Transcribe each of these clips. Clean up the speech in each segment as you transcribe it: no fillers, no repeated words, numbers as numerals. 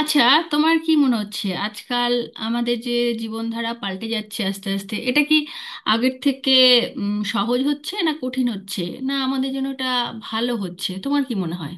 আচ্ছা, তোমার কি মনে হচ্ছে আজকাল আমাদের যে জীবনধারা পাল্টে যাচ্ছে আস্তে আস্তে, এটা কি আগের থেকে সহজ হচ্ছে না কঠিন হচ্ছে, না আমাদের জন্য এটা ভালো হচ্ছে? তোমার কি মনে হয়?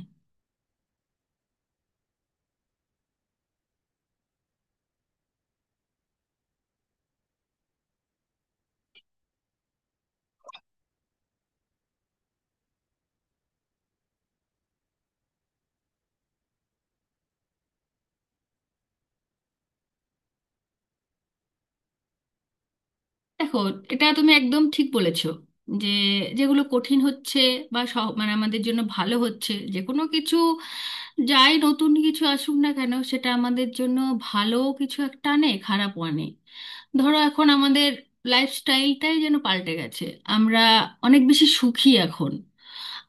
দেখো, এটা তুমি একদম ঠিক বলেছো, যে যেগুলো কঠিন হচ্ছে বা মানে আমাদের জন্য ভালো হচ্ছে, যে কোনো কিছু, যাই নতুন কিছু আসুক না কেন সেটা আমাদের জন্য ভালো কিছু একটা আনে, খারাপ আনে। ধরো এখন আমাদের লাইফস্টাইলটাই যেন পাল্টে গেছে। আমরা অনেক বেশি সুখী এখন।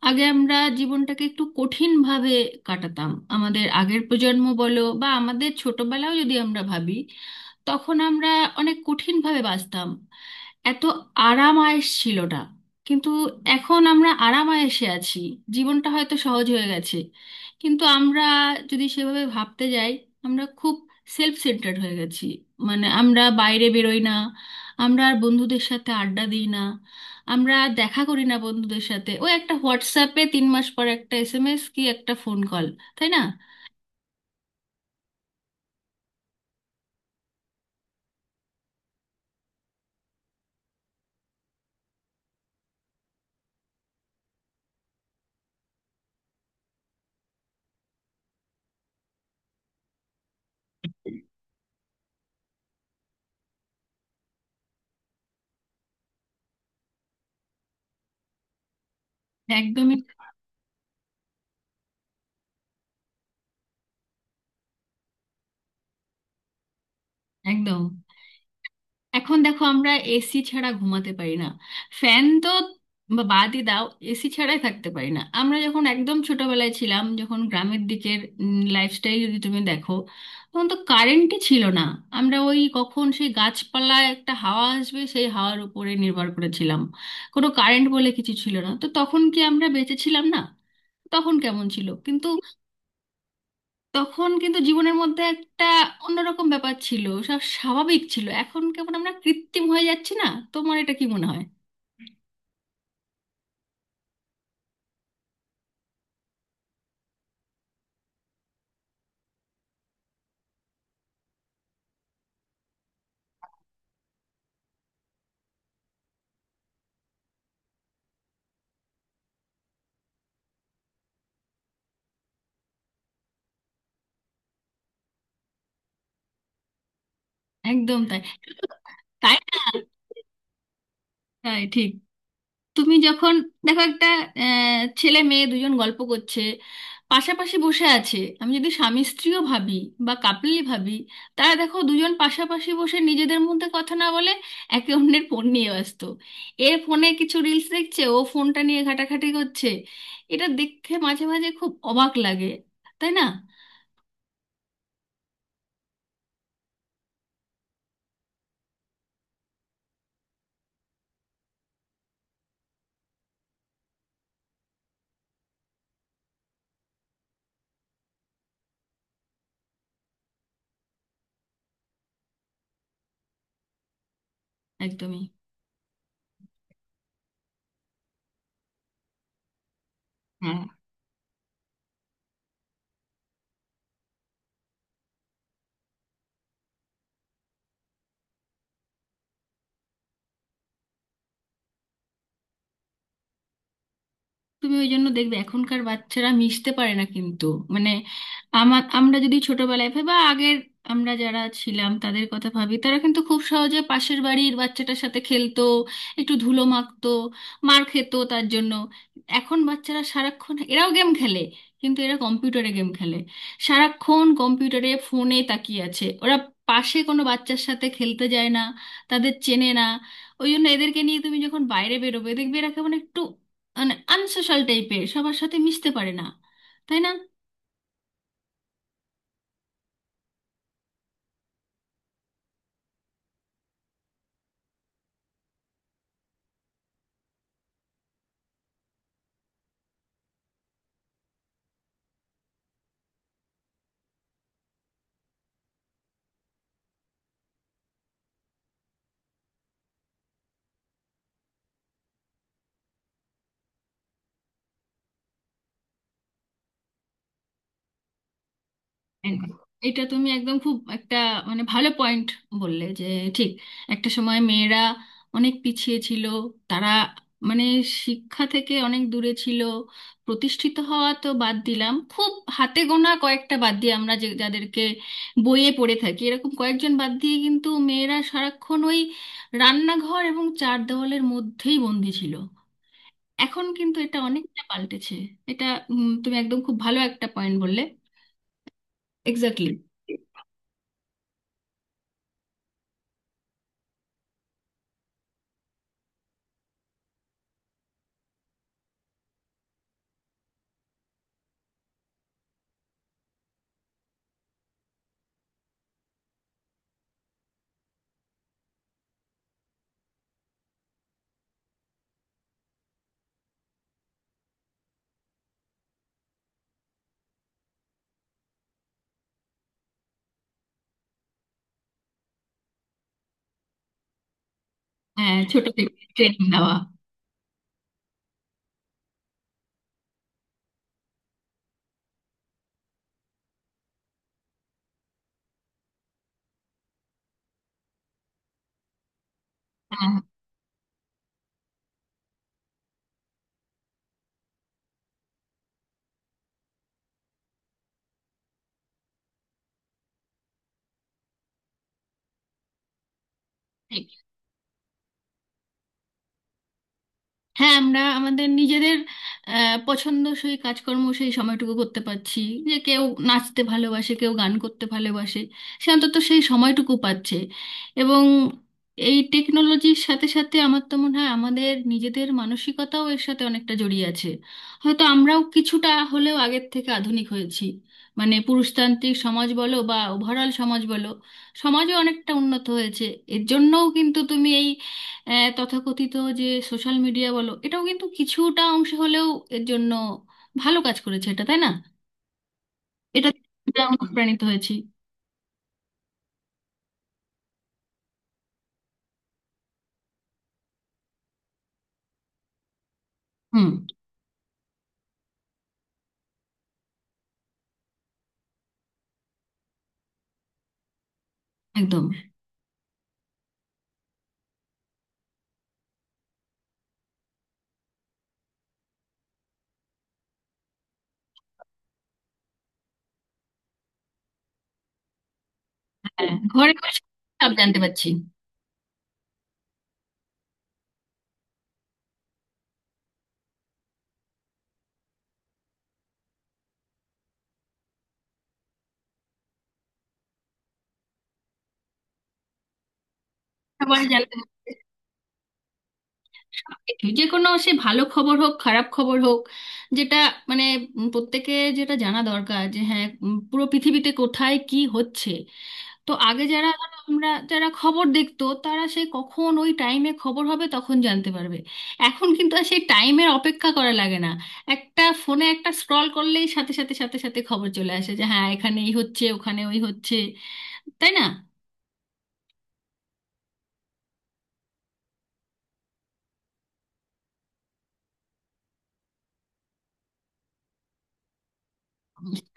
আগে আমরা জীবনটাকে একটু কঠিন ভাবে কাটাতাম, আমাদের আগের প্রজন্ম বলো বা আমাদের ছোটবেলাও যদি আমরা ভাবি, তখন আমরা অনেক কঠিন ভাবে বাঁচতাম। এত আরাম আয়েশ ছিল না, কিন্তু এখন আমরা আরাম আয়েশে আছি। জীবনটা হয়তো সহজ হয়ে গেছে, কিন্তু আমরা যদি সেভাবে ভাবতে যাই, আমরা খুব সেলফ সেন্টার্ড হয়ে গেছি। মানে আমরা বাইরে বেরোই না, আমরা আর বন্ধুদের সাথে আড্ডা দিই না, আমরা দেখা করি না বন্ধুদের সাথে, ওই একটা হোয়াটসঅ্যাপে তিন মাস পর একটা এসএমএস কি একটা ফোন কল। তাই না? একদমই। একদম। এখন দেখো আমরা এসি ছাড়া ঘুমাতে পারি না, ফ্যান তো বা বাদই দাও, এসি ছাড়াই থাকতে পারি না আমরা। যখন একদম ছোটবেলায় ছিলাম, যখন গ্রামের দিকের লাইফস্টাইল যদি তুমি দেখো, তখন তো কারেন্টই ছিল না। আমরা ওই কখন সেই গাছপালায় একটা হাওয়া আসবে সেই হাওয়ার উপরে নির্ভর করেছিলাম। কোনো কারেন্ট বলে কিছু ছিল না, তো তখন কি আমরা বেঁচে ছিলাম না? তখন কেমন ছিল কিন্তু। তখন কিন্তু জীবনের মধ্যে একটা অন্যরকম ব্যাপার ছিল, সব স্বাভাবিক ছিল। এখন কেমন আমরা কৃত্রিম হয়ে যাচ্ছি না, তোমার এটা কি মনে হয়? একদম তাই। তাই না? তাই ঠিক। তুমি যখন দেখো একটা ছেলে মেয়ে দুজন গল্প করছে, পাশাপাশি বসে আছে, আমি যদি স্বামী স্ত্রীও ভাবি বা কাপলি ভাবি, তারা দেখো দুজন পাশাপাশি বসে নিজেদের মধ্যে কথা না বলে একে অন্যের ফোন নিয়ে ব্যস্ত। এ ফোনে কিছু রিলস দেখছে, ও ফোনটা নিয়ে ঘাটাঘাটি করছে। এটা দেখে মাঝে মাঝে খুব অবাক লাগে। তাই না? একদমই। তুমি ওই জন্য দেখবে এখনকার বাচ্চারা মিশতে পারে না কিন্তু। মানে আমার, আমরা যদি ছোটবেলায় ভাবি বা আগের আমরা যারা ছিলাম তাদের কথা ভাবি, তারা কিন্তু খুব সহজে পাশের বাড়ির বাচ্চাটার সাথে খেলতো, একটু ধুলো মাখতো, মার খেত তার জন্য। এখন বাচ্চারা সারাক্ষণ এরাও গেম খেলে, কিন্তু এরা কম্পিউটারে গেম খেলে। সারাক্ষণ কম্পিউটারে ফোনে তাকিয়ে আছে ওরা, পাশে কোনো বাচ্চার সাথে খেলতে যায় না, তাদের চেনে না। ওই জন্য এদেরকে নিয়ে তুমি যখন বাইরে বেরোবে দেখবে এরা মানে আনসোশাল টাইপের, সবার সাথে মিশতে পারে না। তাই না? এন- এটা তুমি একদম খুব একটা মানে ভালো পয়েন্ট বললে, যে ঠিক, একটা সময় মেয়েরা অনেক পিছিয়ে ছিল। তারা মানে শিক্ষা থেকে অনেক দূরে ছিল, প্রতিষ্ঠিত হওয়া তো বাদ দিলাম। খুব হাতে গোনা কয়েকটা বাদ দিয়ে, আমরা যে যাদেরকে বইয়ে পড়ে থাকি এরকম কয়েকজন বাদ দিয়ে, কিন্তু মেয়েরা সারাক্ষণ ওই রান্নাঘর এবং চার দেওয়ালের মধ্যেই বন্দি ছিল। এখন কিন্তু এটা অনেকটা পাল্টেছে। এটা তুমি একদম খুব ভালো একটা পয়েন্ট বললে। এক্স্যাক্টলি। হ্যাঁ, ছোট থেকে ট্রেনিং দেওয়া। হ্যাঁ, হ্যাঁ। আমরা আমাদের নিজেদের পছন্দসই কাজকর্ম সেই সময়টুকু করতে পারছি। যে কেউ নাচতে ভালোবাসে, কেউ গান করতে ভালোবাসে, সে অন্তত সেই সময়টুকু পাচ্ছে। এবং এই টেকনোলজির সাথে সাথে আমার তো মনে হয় আমাদের নিজেদের মানসিকতাও এর সাথে অনেকটা জড়িয়ে আছে। হয়তো আমরাও কিছুটা হলেও আগের থেকে আধুনিক হয়েছি। মানে পুরুষতান্ত্রিক সমাজ বলো বা ওভারঅল সমাজ বলো, সমাজও অনেকটা উন্নত হয়েছে। এর জন্যও কিন্তু তুমি এই তথাকথিত যে সোশ্যাল মিডিয়া বলো, এটাও কিন্তু কিছুটা অংশে হলেও এর জন্য ভালো কাজ করেছে। এটা, তাই না? এটা এটা আমরা অনুপ্রাণিত হয়েছি। হুম। একদম। হ্যাঁ, ঘরে ঘরে সব জানতে পারছি। সবাই জানতে পারছি সবকিছু, যে কোনো, সে ভালো খবর হোক খারাপ খবর হোক, যেটা মানে প্রত্যেকে যেটা জানা দরকার, যে হ্যাঁ পুরো পৃথিবীতে কোথায় কি হচ্ছে। তো আগে যারা ধরো আমরা যারা খবর দেখতো, তারা সেই কখন ওই টাইমে খবর হবে তখন জানতে পারবে। এখন কিন্তু আর সেই টাইমের অপেক্ষা করা লাগে না। একটা ফোনে একটা স্ক্রল করলেই সাথে সাথে খবর চলে আসে যে হ্যাঁ এখানে এই হচ্ছে, ওখানে ওই হচ্ছে। তাই না?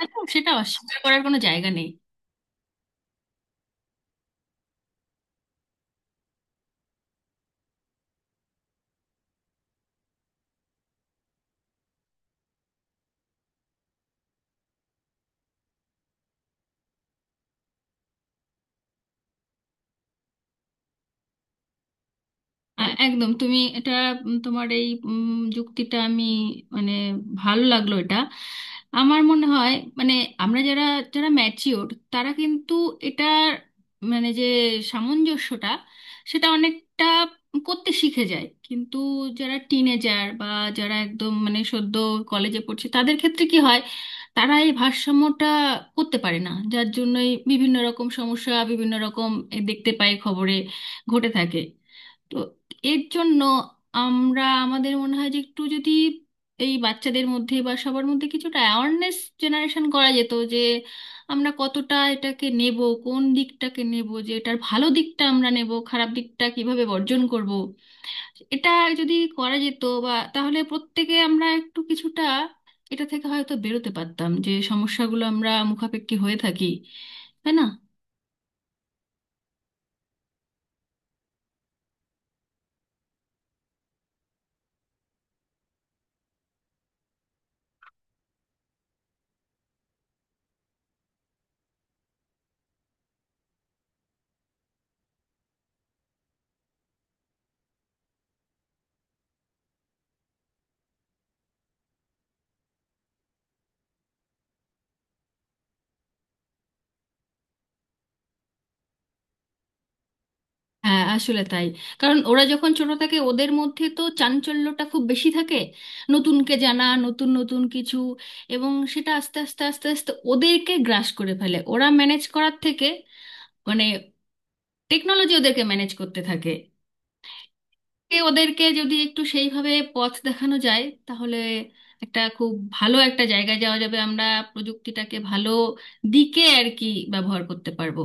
সেটা সেটা অস্বীকার করার কোনো জায়গা নেই। একদম, তুমি এটা তোমার এই যুক্তিটা আমি মানে ভালো লাগলো এটা। আমার মনে হয় মানে আমরা যারা যারা ম্যাচিওর তারা কিন্তু এটা মানে যে সামঞ্জস্যটা সেটা অনেকটা করতে শিখে যায় কিন্তু, যারা টিনেজার বা যারা একদম মানে সদ্য কলেজে পড়ছে তাদের ক্ষেত্রে কি হয়, তারা এই ভারসাম্যটা করতে পারে না, যার জন্যই বিভিন্ন রকম সমস্যা, বিভিন্ন রকম, এ দেখতে পাই খবরে ঘটে থাকে। তো এর জন্য আমরা, আমাদের মনে হয় যে একটু যদি এই বাচ্চাদের মধ্যে বা সবার মধ্যে কিছুটা অ্যাওয়ারনেস জেনারেশন করা যেত, যে আমরা কতটা এটাকে নেব, কোন দিকটাকে নেব, যে এটার ভালো দিকটা আমরা নেব, খারাপ দিকটা কিভাবে বর্জন করব। এটা যদি করা যেত বা, তাহলে প্রত্যেকে আমরা একটু কিছুটা এটা থেকে হয়তো বেরোতে পারতাম, যে সমস্যাগুলো আমরা মুখাপেক্ষি হয়ে থাকি। তাই না? হ্যাঁ, আসলে তাই। কারণ ওরা যখন ছোট থাকে, ওদের মধ্যে তো চাঞ্চল্যটা খুব বেশি থাকে, নতুনকে জানা, নতুন নতুন কিছু, এবং সেটা আস্তে আস্তে ওদেরকে গ্রাস করে ফেলে। ওরা ম্যানেজ করার থেকে মানে টেকনোলজি ওদেরকে ম্যানেজ করতে থাকে। এ ওদেরকে যদি একটু সেইভাবে পথ দেখানো যায় তাহলে একটা খুব ভালো একটা জায়গায় যাওয়া যাবে, আমরা প্রযুক্তিটাকে ভালো দিকে আর কি ব্যবহার করতে পারবো।